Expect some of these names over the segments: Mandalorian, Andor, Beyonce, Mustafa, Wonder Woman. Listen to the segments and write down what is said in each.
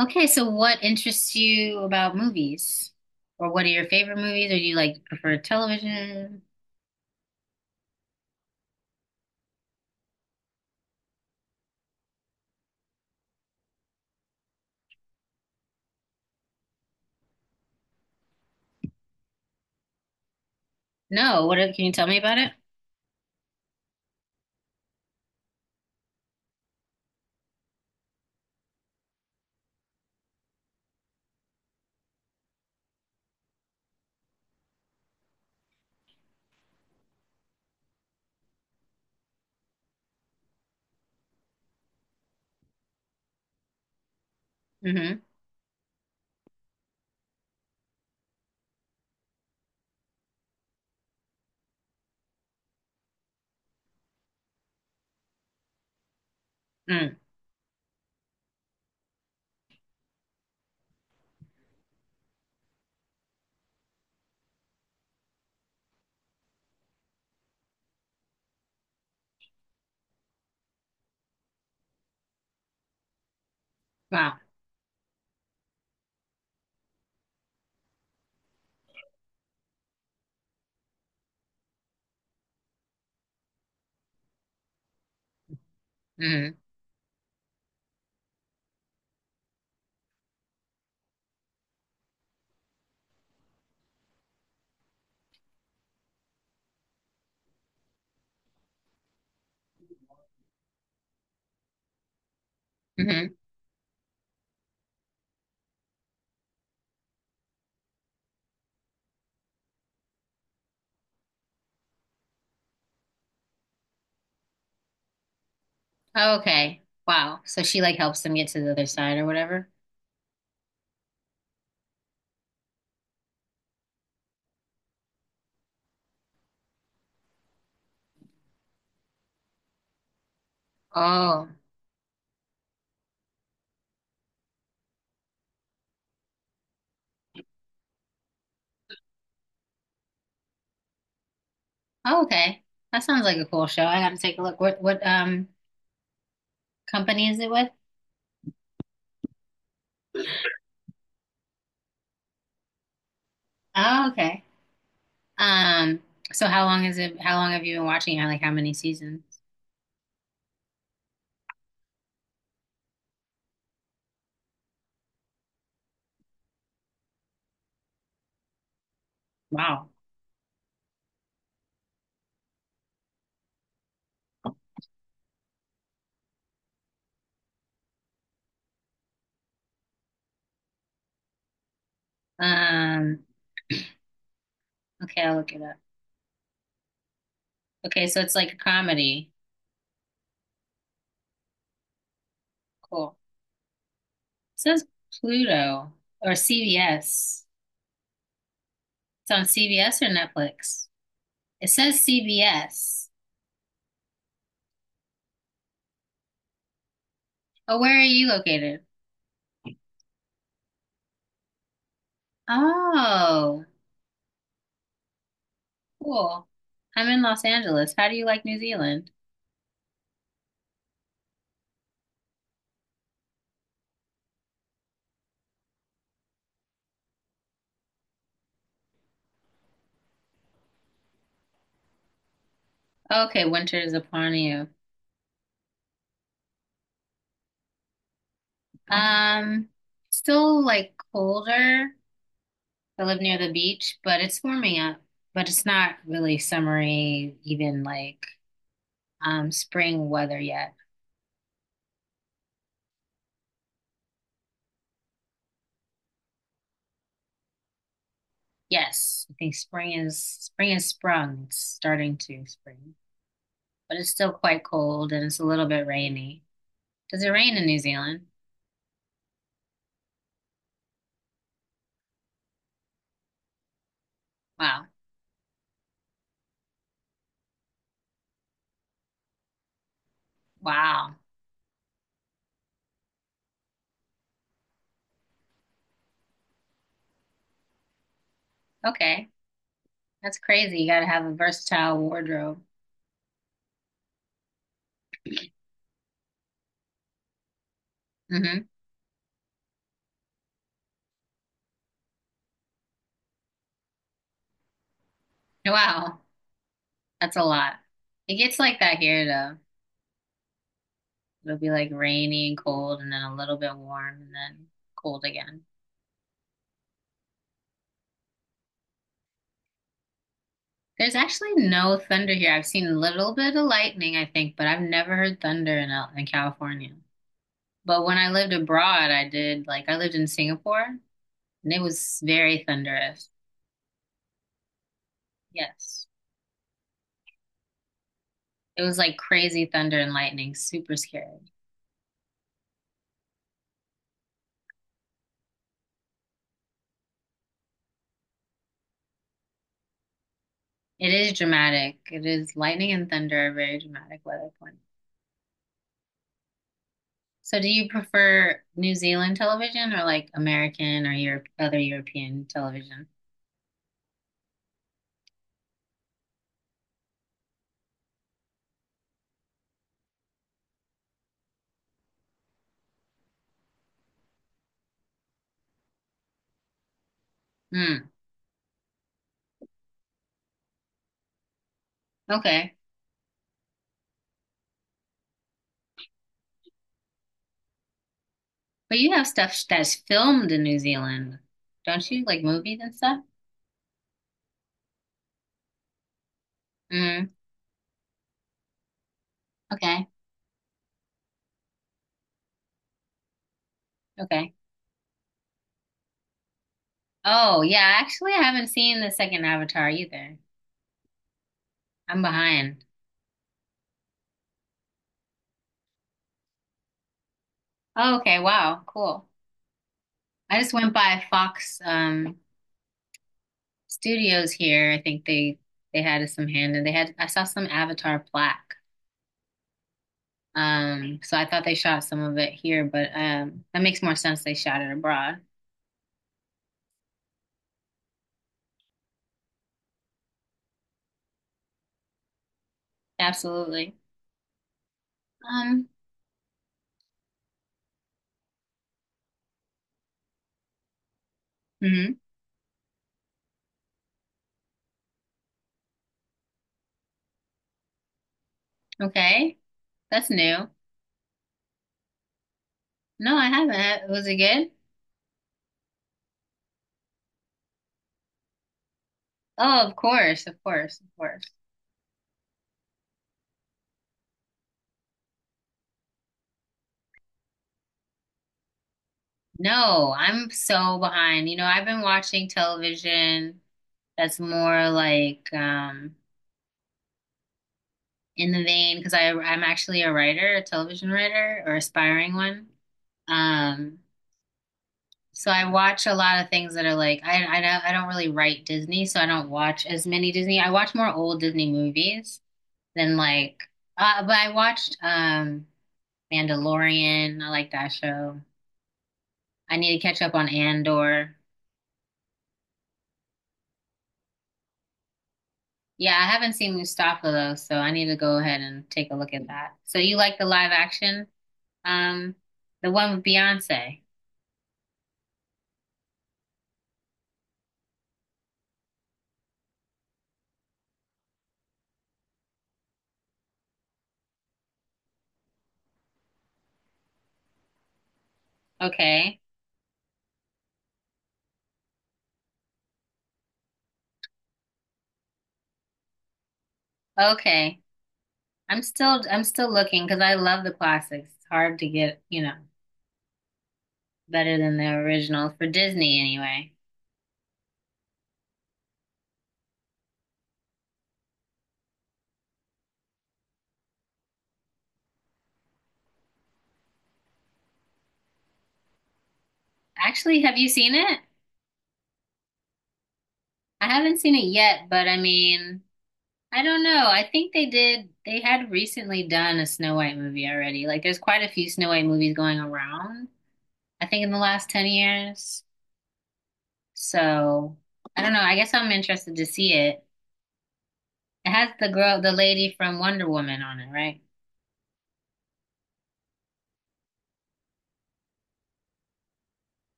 Okay, so what interests you about movies? Or what are your favorite movies? Or do you like prefer television? No, what are, can you tell me about it? Mm-hmm. Mm. Wow. Mm-hmm. Mm-hmm. Okay. Wow. So she like helps them get to the other side or whatever. Oh. Oh, okay. That sounds like a cool show. I have to take a look. What company is it with? Oh, okay. Um, so how long have you been watching it? Like how many seasons? Wow. Um, okay, I'll look it up. Okay, so it's like a comedy. Cool. It says Pluto or CBS. It's on CBS or Netflix? It says CBS. Oh, where are you located? Oh, cool. I'm in Los Angeles. How do you like New Zealand? Okay, winter is upon you. Um, Still like colder. I live near the beach, but it's warming up. But it's not really summery, even like spring weather yet. Yes, I think spring is sprung. It's starting to spring, but it's still quite cold and it's a little bit rainy. Does it rain in New Zealand? Wow. Wow. Okay. That's crazy. You gotta have a versatile wardrobe. Hmm. Wow. That's a lot. It gets like that here though. It'll be like rainy and cold and then a little bit warm and then cold again. There's actually no thunder here. I've seen a little bit of lightning, I think, but I've never heard thunder in, in California. But when I lived abroad, I did like I lived in Singapore and it was very thunderous. Yes. It was like crazy thunder and lightning, super scary. It is dramatic. It is Lightning and thunder are very dramatic weather points. So do you prefer New Zealand television or like American or Europe other European television? Hmm. Okay. But you have stuff that's filmed in New Zealand, don't you? Like movies and stuff? Mm. Okay. Okay. Oh, yeah, actually, I haven't seen the second Avatar either. I'm behind. Oh, okay, wow, cool. I just went by Fox Studios here. I think they had some hand and they had I saw some Avatar plaque. So I thought they shot some of it here, but that makes more sense they shot it abroad. Absolutely. Um, hmm. Okay. That's new. No, I haven't. Was it good? Oh, of course, of course, of course. No, I'm so behind. You know, I've been watching television that's more like in the vein because I'm actually a writer, a television writer or aspiring one. Um, so I watch a lot of things that are like I don't really write Disney, so I don't watch as many Disney. I watch more old Disney movies than like but I watched Mandalorian. I like that show. I need to catch up on Andor. Yeah, I haven't seen Mustafa though, so I need to go ahead and take a look at that. So you like the live action? Um, the one with Beyonce. Okay. Okay. I'm still looking because I love the classics. It's hard to get, you know, better than the original for Disney anyway. Actually, have you seen it? I haven't seen it yet, but I mean, I don't know. I think they had recently done a Snow White movie already. Like there's quite a few Snow White movies going around, I think in the last 10 years. So I don't know. I guess I'm interested to see it. It has the girl, the lady from Wonder Woman on it, right?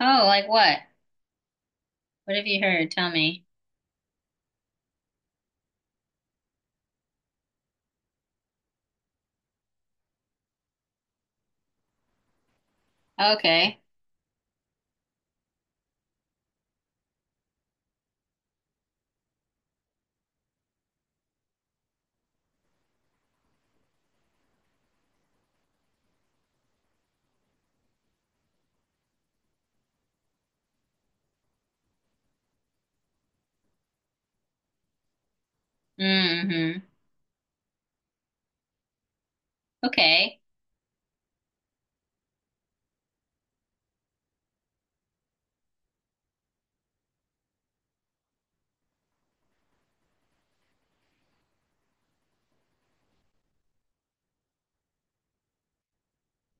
Oh, like what? What have you heard? Tell me. Okay. Mm-hmm. Okay.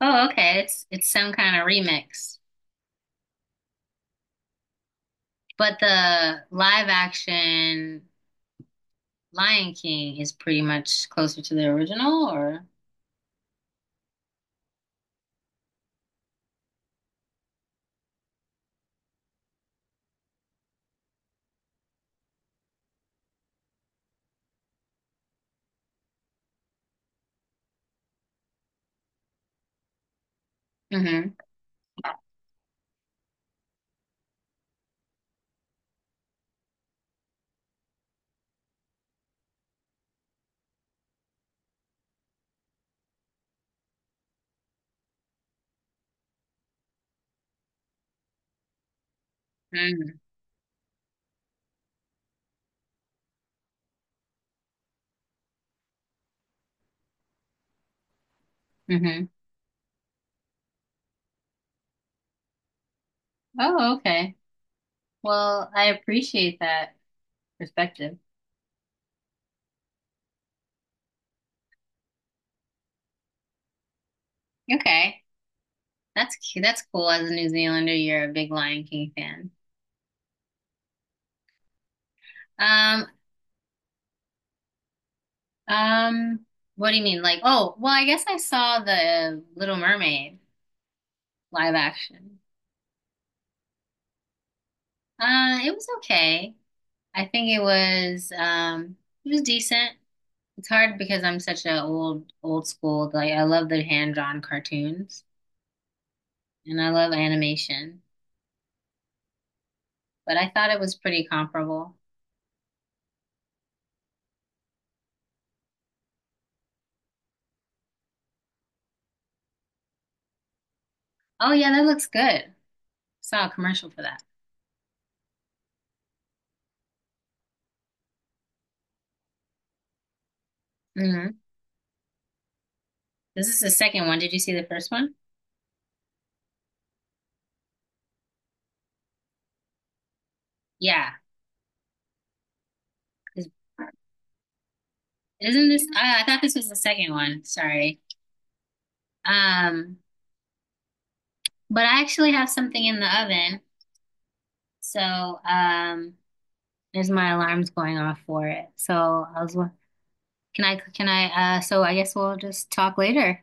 Oh, okay. It's some kind of remix. But the live action Lion King is pretty much closer to the original or? Mm-hmm. Mm-hmm. Mm-hmm. Oh, okay. Well, I appreciate that perspective. Okay. That's cute. That's cool. As a New Zealander, you're a big Lion King fan. Um, um, what do you mean? Like, oh, well, I guess I saw the Little Mermaid live action. It was okay. I think it was decent. It's hard because I'm such a old old school, like I love the hand-drawn cartoons and I love animation, but I thought it was pretty comparable. Oh yeah, that looks good. Saw a commercial for that. Hmm. This is the second one. Did you see the first one? Yeah. Isn't this? I thought this was the second one. Sorry. Um, but I actually have something in the oven, so there's my alarms going off for it. So I was, can I? So I guess we'll just talk later.